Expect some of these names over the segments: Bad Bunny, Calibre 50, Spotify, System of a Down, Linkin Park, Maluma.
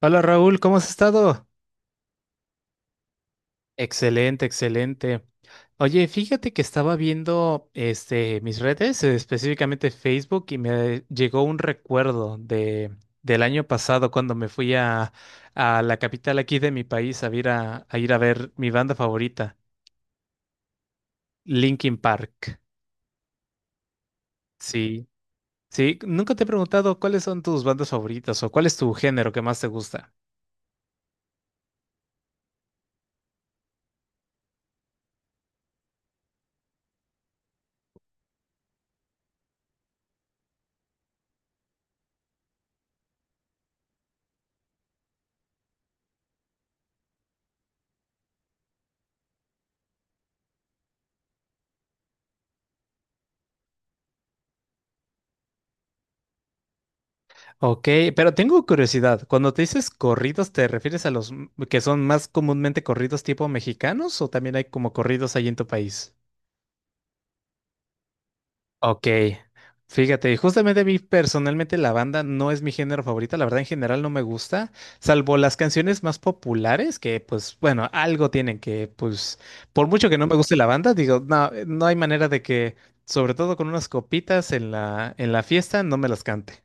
Hola Raúl, ¿cómo has estado? Excelente, excelente. Oye, fíjate que estaba viendo mis redes, específicamente Facebook, y me llegó un recuerdo del año pasado cuando me fui a la capital aquí de mi país a ir a ver mi banda favorita, Linkin Park. Sí, sí, nunca te he preguntado cuáles son tus bandas favoritas o cuál es tu género que más te gusta. Ok, pero tengo curiosidad. Cuando te dices corridos, ¿te refieres a los que son más comúnmente corridos tipo mexicanos o también hay como corridos ahí en tu país? Ok, fíjate, justamente a mí personalmente la banda no es mi género favorito, la verdad en general no me gusta, salvo las canciones más populares que pues bueno, algo tienen que pues por mucho que no me guste la banda, digo, no, no hay manera de que, sobre todo con unas copitas en la fiesta, no me las cante.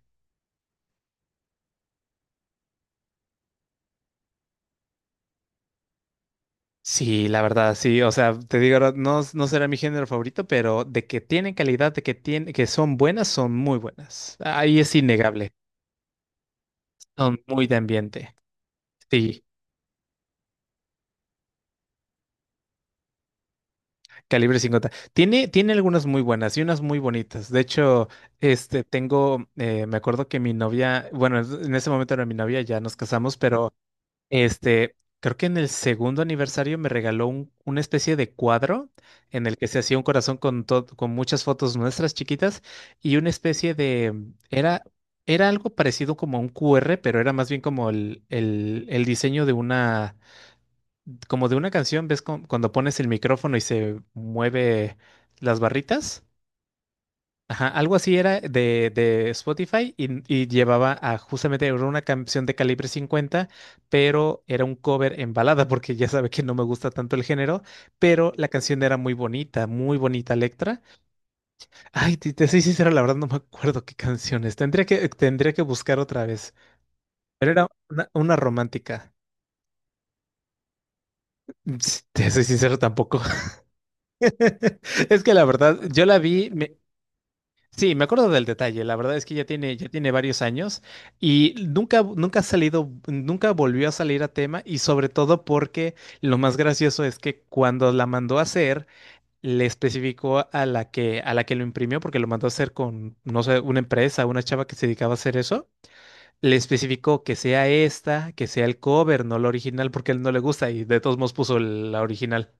Sí, la verdad, sí. O sea, te digo, ahora, no, no será mi género favorito, pero de que tienen calidad, de que tienen, que son buenas, son muy buenas. Ahí es innegable. Son muy de ambiente. Sí, calibre 50. Tiene, tiene algunas muy buenas y unas muy bonitas. De hecho, tengo, me acuerdo que mi novia, bueno, en ese momento era mi novia, ya nos casamos, pero Este, creo que en el segundo aniversario me regaló una especie de cuadro en el que se hacía un corazón con, con muchas fotos nuestras chiquitas y una especie de, era algo parecido como a un QR, pero era más bien como el diseño de una, como de una canción, ¿ves? Cuando pones el micrófono y se mueve las barritas. Ajá, algo así era de Spotify y llevaba a justamente era una canción de calibre 50, pero era un cover en balada, porque ya sabe que no me gusta tanto el género, pero la canción era muy bonita letra. Ay, te soy sincero, la verdad no me acuerdo qué canción es. Tendría que buscar otra vez, pero era una romántica. Ps, te soy sincero tampoco. Es que la verdad, yo la vi, sí, me acuerdo del detalle. La verdad es que ya tiene varios años y nunca, nunca ha salido, nunca volvió a salir a tema y sobre todo porque lo más gracioso es que cuando la mandó a hacer, le especificó a la que lo imprimió, porque lo mandó a hacer con, no sé, una empresa, una chava que se dedicaba a hacer eso. Le especificó que sea esta, que sea el cover, no la original, porque a él no le gusta y de todos modos puso la original.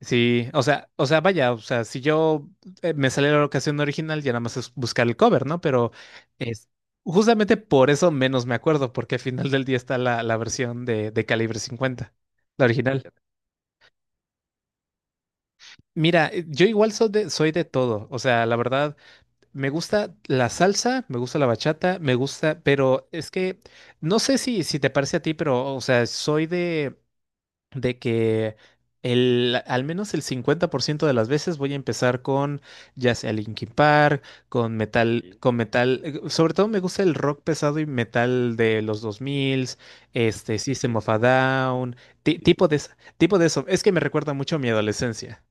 Sí, vaya, o sea, si yo me sale la ocasión original, ya nada más es buscar el cover, ¿no? Pero es justamente por eso menos me acuerdo, porque al final del día está la versión de calibre 50, la original. Mira, yo igual soy de todo, o sea, la verdad, me gusta la salsa, me gusta la bachata, me gusta, pero es que no sé si te parece a ti, pero, o sea, soy de que el, al menos el 50% de las veces voy a empezar con ya sea Linkin Park, con metal, sobre todo me gusta el rock pesado y metal de los 2000, este System of a Down, tipo de eso, es que me recuerda mucho a mi adolescencia.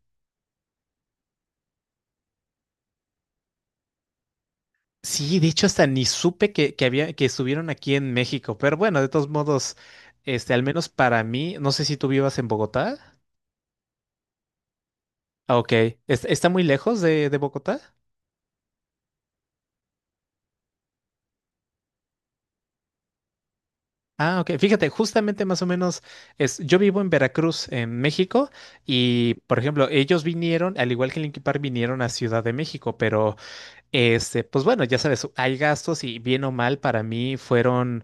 Sí, de hecho hasta ni supe que había que estuvieron aquí en México, pero bueno, de todos modos, este al menos para mí, no sé si tú vivas en Bogotá. Ah, ok, ¿está muy lejos de Bogotá? Ah, ok. Fíjate, justamente más o menos es, yo vivo en Veracruz, en México, y por ejemplo, ellos vinieron, al igual que Linkin Park, vinieron a Ciudad de México, pero pues bueno, ya sabes, hay gastos y bien o mal para mí fueron,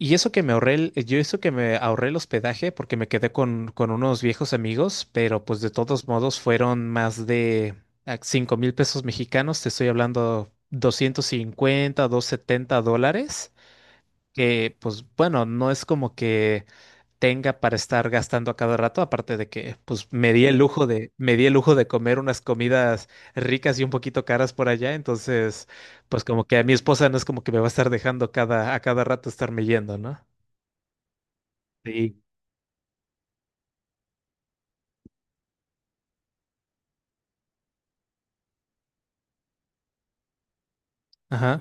y eso que me ahorré, yo eso que me ahorré el hospedaje porque me quedé con unos viejos amigos, pero pues de todos modos fueron más de 5.000 pesos mexicanos, te estoy hablando 250, $70 que, pues bueno, no es como que tenga para estar gastando a cada rato, aparte de que, pues me di el Sí. lujo de, me di el lujo de comer unas comidas ricas y un poquito caras por allá, entonces, pues como que a mi esposa no es como que me va a estar dejando a cada rato estarme yendo, ¿no? Sí. Ajá.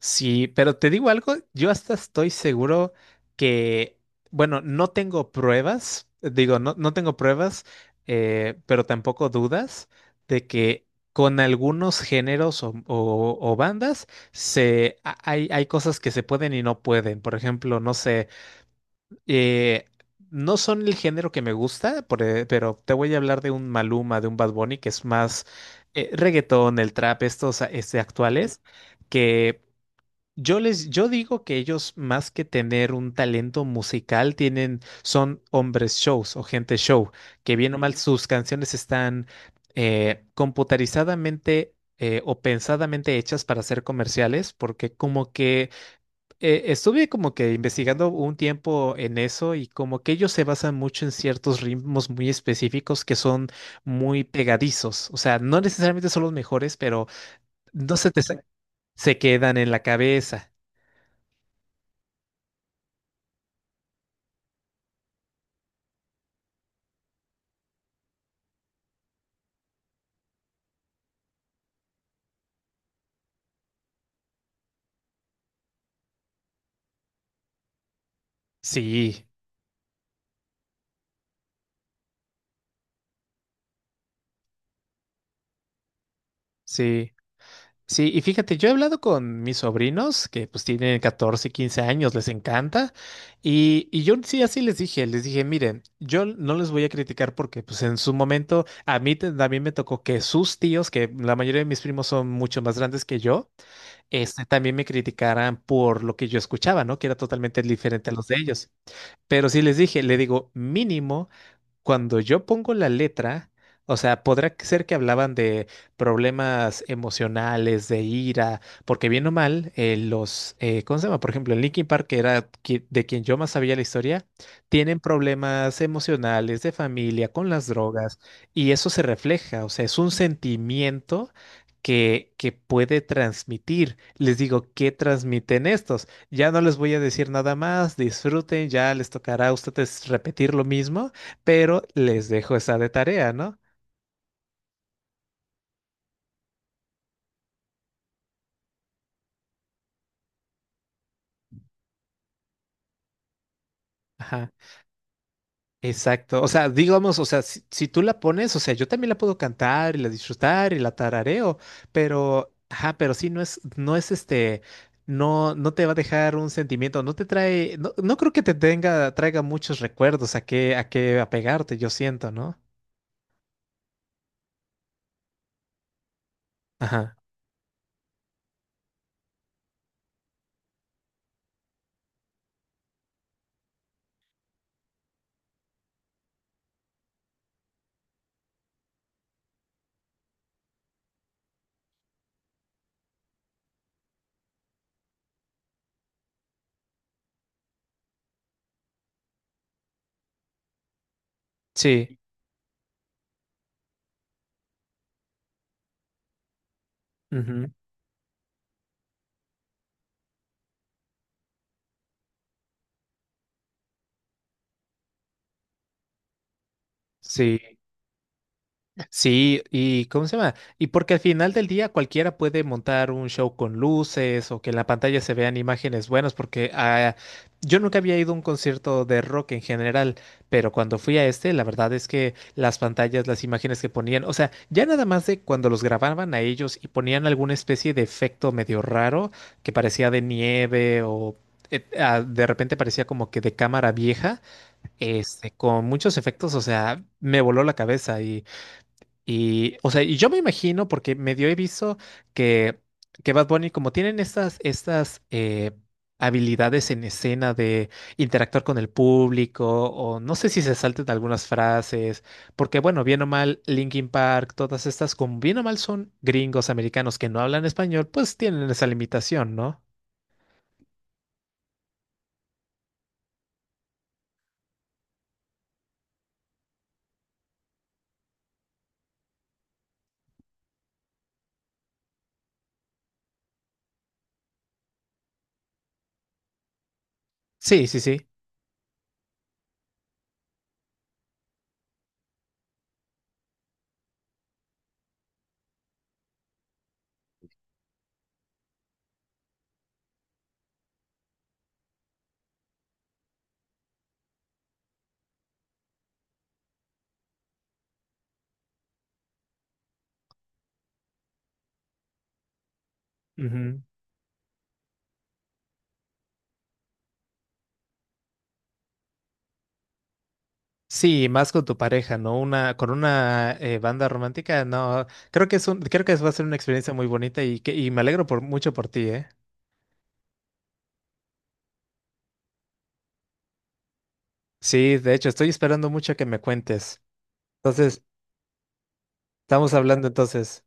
Sí, pero te digo algo, yo hasta estoy seguro que, bueno, no tengo pruebas, digo, no, no tengo pruebas, pero tampoco dudas de que con algunos géneros o bandas hay cosas que se pueden y no pueden. Por ejemplo, no sé, eh, no son el género que me gusta, pero te voy a hablar de un Maluma, de un Bad Bunny, que es más reggaetón, el trap, actuales que yo digo que ellos más que tener un talento musical tienen, son hombres shows o gente show, que bien o mal sus canciones están computarizadamente o pensadamente hechas para ser comerciales, porque como que estuve como que investigando un tiempo en eso y como que ellos se basan mucho en ciertos ritmos muy específicos que son muy pegadizos, o sea, no necesariamente son los mejores, pero no se te sa- se quedan en la cabeza. Sí, sí, sí. Y fíjate, yo he hablado con mis sobrinos que pues tienen 14, 15 años, les encanta. Y yo sí, así les dije, miren, yo no les voy a criticar porque pues en su momento a mí también me tocó que sus tíos, que la mayoría de mis primos son mucho más grandes que yo, también me criticaran por lo que yo escuchaba, ¿no? Que era totalmente diferente a los de ellos. Pero sí les dije, le digo, mínimo cuando yo pongo la letra, o sea, podrá ser que hablaban de problemas emocionales, de ira, porque bien o mal, ¿cómo se llama? Por ejemplo, en Linkin Park, que era de quien yo más sabía la historia, tienen problemas emocionales, de familia, con las drogas, y eso se refleja, o sea, es un sentimiento. Que puede transmitir. Les digo, ¿qué transmiten estos? Ya no les voy a decir nada más, disfruten, ya les tocará a ustedes repetir lo mismo, pero les dejo esa de tarea, ¿no? Ajá, exacto. O sea, digamos, o sea, si tú la pones, o sea, yo también la puedo cantar y la disfrutar y la tarareo, pero, ajá, pero sí, no es este, no, no te va a dejar un sentimiento, no te trae, no, no creo que te tenga, traiga muchos recuerdos a qué apegarte, yo siento, ¿no? Ajá, sí, ujú, sí. Sí, y ¿cómo se llama? Y porque al final del día cualquiera puede montar un show con luces o que en la pantalla se vean imágenes buenas, porque yo nunca había ido a un concierto de rock en general, pero cuando fui a este, la verdad es que las pantallas, las imágenes que ponían, o sea, ya nada más de cuando los grababan a ellos y ponían alguna especie de efecto medio raro que parecía de nieve o... de repente parecía como que de cámara vieja, con muchos efectos, o sea, me voló la cabeza y, o sea, y yo me imagino, porque medio he visto que, que Bad Bunny, como tienen estas habilidades en escena de interactuar con el público, o no sé si se salten algunas frases, porque bueno, bien o mal, Linkin Park, todas estas, como bien o mal son gringos americanos que no hablan español, pues tienen esa limitación, ¿no? Sí, sí, sí. Ujú. Sí, más con tu pareja, ¿no? Una, con una banda romántica, no. Creo que es un, creo que va a ser una experiencia muy bonita y que, y me alegro por mucho por ti, ¿eh? Sí, de hecho, estoy esperando mucho que me cuentes. Entonces, estamos hablando entonces.